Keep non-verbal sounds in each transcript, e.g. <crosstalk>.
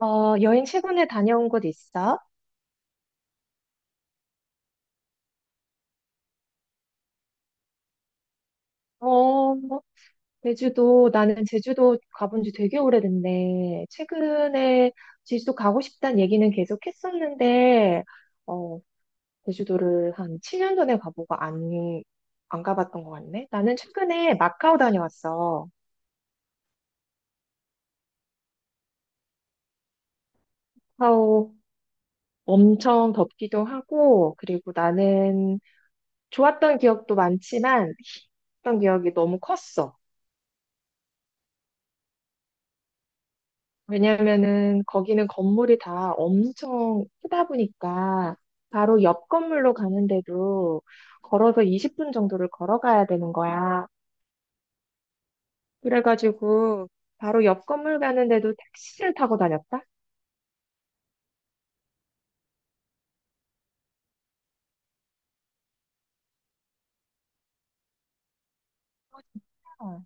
여행 최근에 다녀온 곳 있어? 어, 제주도, 나는 제주도 가본 지 되게 오래됐네. 최근에 제주도 가고 싶다는 얘기는 계속 했었는데, 어, 제주도를 한 7년 전에 가보고 안 가봤던 것 같네. 나는 최근에 마카오 다녀왔어. 마카오 엄청 덥기도 하고, 그리고 나는 좋았던 기억도 많지만, 했던 기억이 너무 컸어. 왜냐면은 거기는 건물이 다 엄청 크다 보니까 바로 옆 건물로 가는데도 걸어서 20분 정도를 걸어가야 되는 거야. 그래가지고 바로 옆 건물 가는데도 택시를 타고 다녔다? 어.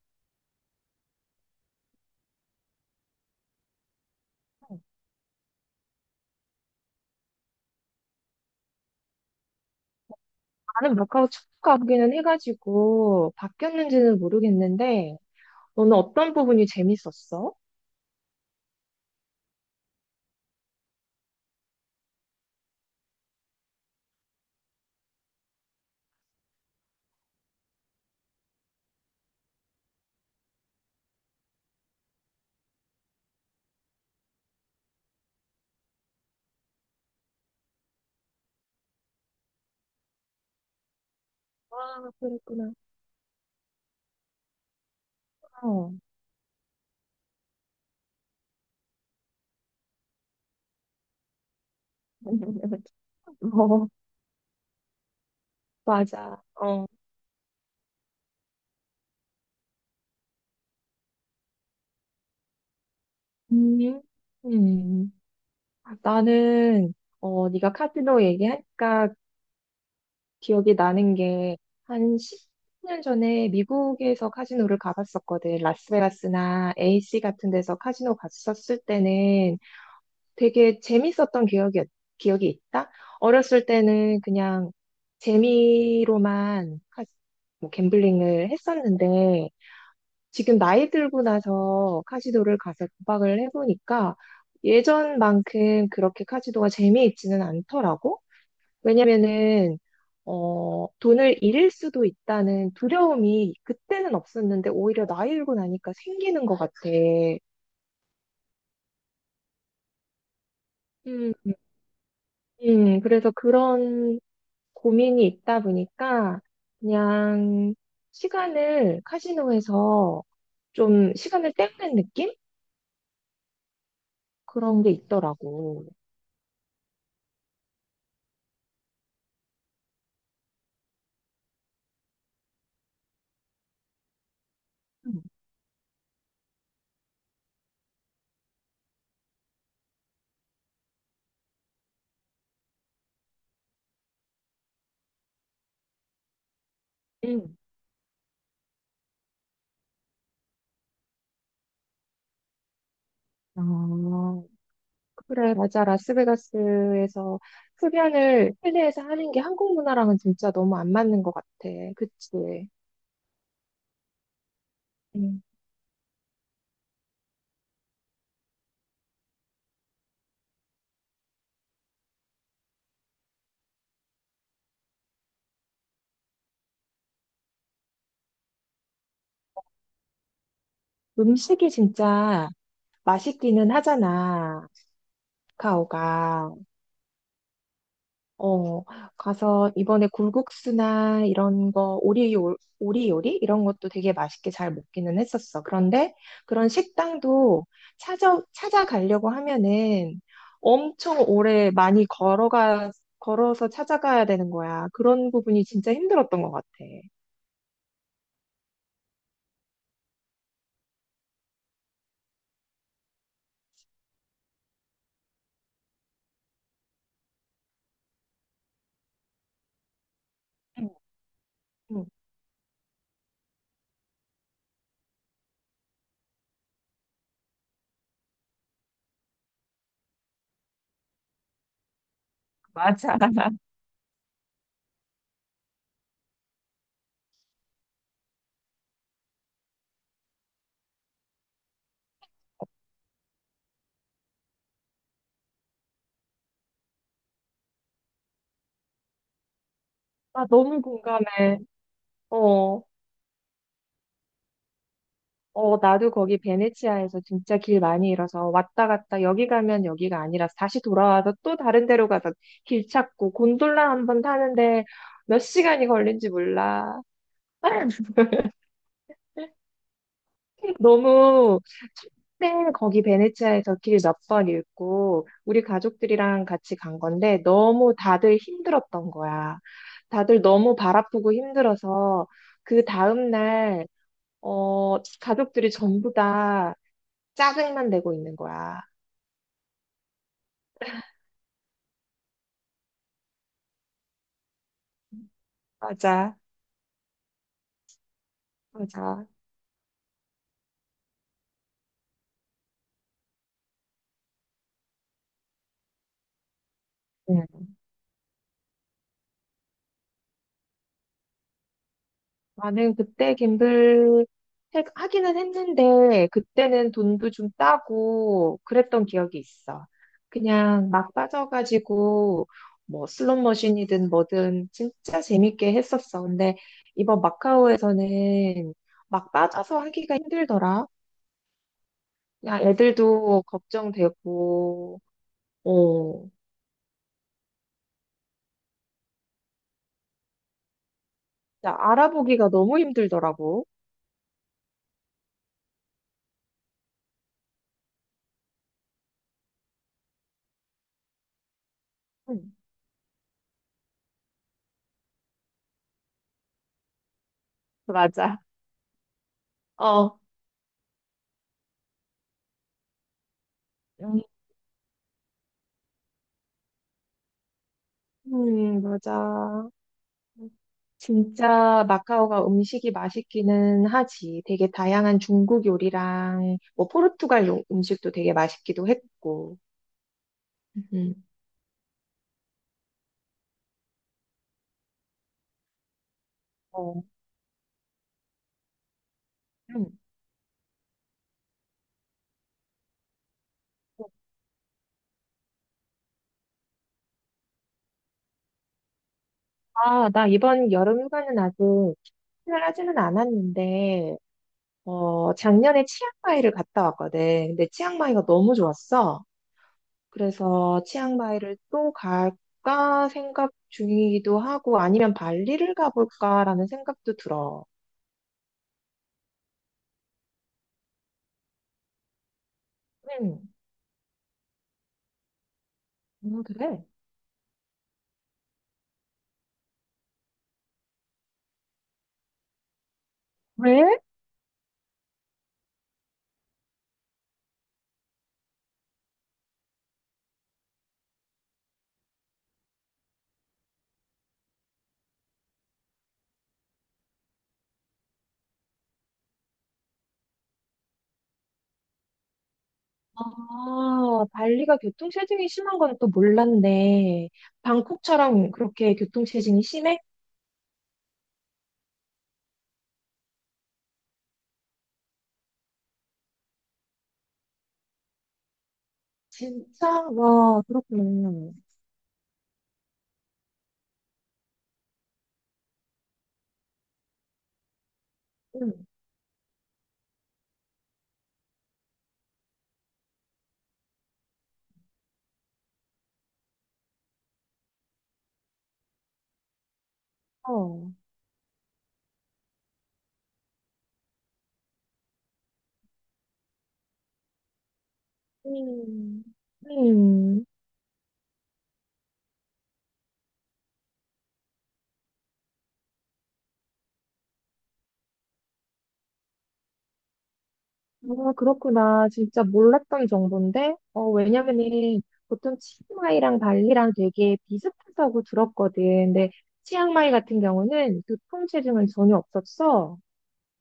나는 마카오 축가하기는 해가지고 바뀌었는지는 모르겠는데 너는 어떤 부분이 재밌었어? 아, 그랬구나. 어. <laughs> 어, 맞아. 어. 음. 음. 나는 네가 카지노 얘기하니까 기억이 나는 게 한 10년 전에 미국에서 카지노를 가봤었거든. 라스베가스나 AC 같은 데서 카지노 갔었을 때는 되게 재밌었던 기억이 있다. 어렸을 때는 그냥 재미로만 카- 뭐 갬블링을 했었는데 지금 나이 들고 나서 카지노를 가서 도박을 해보니까 예전만큼 그렇게 카지노가 재미있지는 않더라고. 왜냐면은, 어, 돈을 잃을 수도 있다는 두려움이 그때는 없었는데 오히려 나이 들고 나니까 생기는 것 같아. 음, 그래서 그런 고민이 있다 보니까 그냥 시간을 카지노에서 좀 시간을 때우는 느낌? 그런 게 있더라고. 음. 어, 그래, 맞아. 라스베가스에서 흡연을 실내에서 하는 게 한국 문화랑은 진짜 너무 안 맞는 것 같아. 그치? 음. 음식이 진짜 맛있기는 하잖아. 카카오가. 어, 가서 이번에 굴국수나 이런 거, 오리, 오리 요리? 이런 것도 되게 맛있게 잘 먹기는 했었어. 그런데 그런 식당도 찾아가려고 하면은 엄청 오래 많이 걸어서 찾아가야 되는 거야. 그런 부분이 진짜 힘들었던 것 같아. 음, 응. 맞아. <laughs> 아, 너무 공감해. 어, 어, 나도 거기 베네치아에서 진짜 길 많이 잃어서 왔다 갔다 여기 가면 여기가 아니라 다시 돌아와서 또 다른 데로 가서 길 찾고 곤돌라 한 번 타는데 몇 시간이 걸린지 몰라. <laughs> 너무 처음에 거기 베네치아에서 길 몇 번 잃고 우리 가족들이랑 같이 간 건데 너무 다들 힘들었던 거야. 다들 너무 발 아프고 힘들어서 그 다음날 어, 가족들이 전부 다 짜증만 내고 있는 거야. 맞아, 맞아. 응. 나는 그때 김블 하기는 했는데, 그때는 돈도 좀 따고 그랬던 기억이 있어. 그냥 막 빠져가지고, 뭐 슬롯 머신이든 뭐든 진짜 재밌게 했었어. 근데 이번 마카오에서는 막 빠져서 하기가 힘들더라. 야, 애들도 걱정되고, 어. 진짜 알아보기가 너무 힘들더라고. 응, 맞아. 어, 음, 맞아. 진짜 마카오가 음식이 맛있기는 하지. 되게 다양한 중국 요리랑 뭐 포르투갈 음식도 되게 맛있기도 했고. 음, 어. 음. 아, 나 이번 여름 휴가는 아직 추진을 하지는 않았는데, 어, 작년에 치앙마이를 갔다 왔거든. 근데 치앙마이가 너무 좋았어. 그래서 치앙마이를 또 갈까 생각 중이기도 하고 아니면 발리를 가볼까라는 생각도 들어. 음, 그래. 왜? 아, 발리가 교통체증이 심한 건 또 몰랐네. 방콕처럼 그렇게 교통체증이 심해? 진짜? 와, 그렇구나. 응. 어. 음, 음. 아, 그렇구나. 진짜 몰랐던 정보인데? 어, 왜냐면은 보통 치앙마이랑 발리랑 되게 비슷하다고 들었거든. 근데 치앙마이 같은 경우는 교통체증은 전혀 없었어.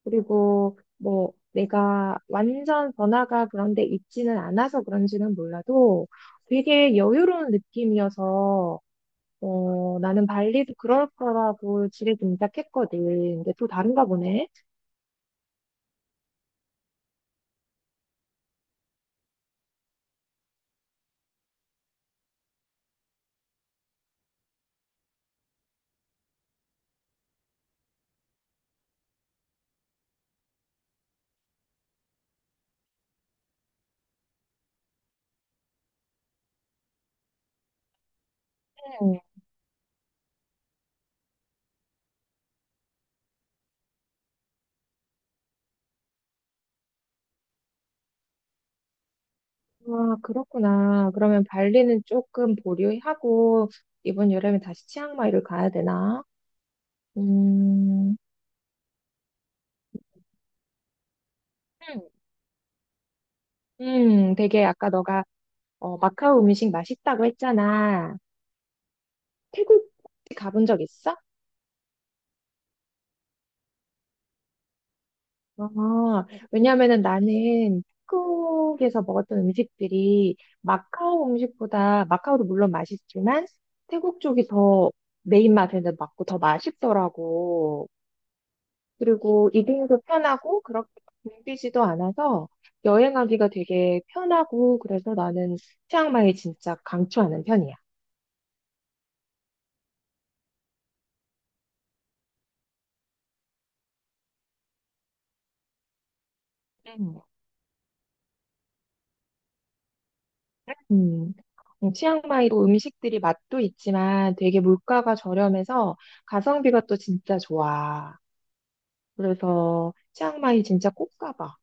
그리고 뭐 내가 완전 번화가 그런 데 있지는 않아서 그런지는 몰라도 되게 여유로운 느낌이어서 어, 나는 발리도 그럴 거라고 지레 짐작했거든. 근데 또 다른가 보네. 응. 아, 그렇구나. 그러면 발리는 조금 보류하고 이번 여름에 다시 치앙마이를 가야 되나? 음, 음, 되게 아까 너가 어, 마카오 음식 맛있다고 했잖아. 태국 혹시 가본 적 있어? 아, 왜냐면은 나는 태국에서 먹었던 음식들이 마카오 음식보다 마카오도 물론 맛있지만 태국 쪽이 더 내 입맛에는 맞고 더 맛있더라고. 그리고 이동도 편하고 그렇게 붐비지도 않아서 여행하기가 되게 편하고 그래서 나는 치앙마이 진짜 강추하는 편이야. 음. 음, 치앙마이도 음식들이 맛도 있지만 되게 물가가 저렴해서 가성비가 또 진짜 좋아. 그래서 치앙마이 진짜 꼭 가봐.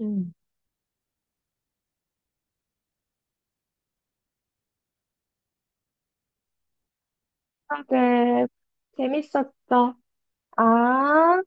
음. 그래, 재밌었어. 아.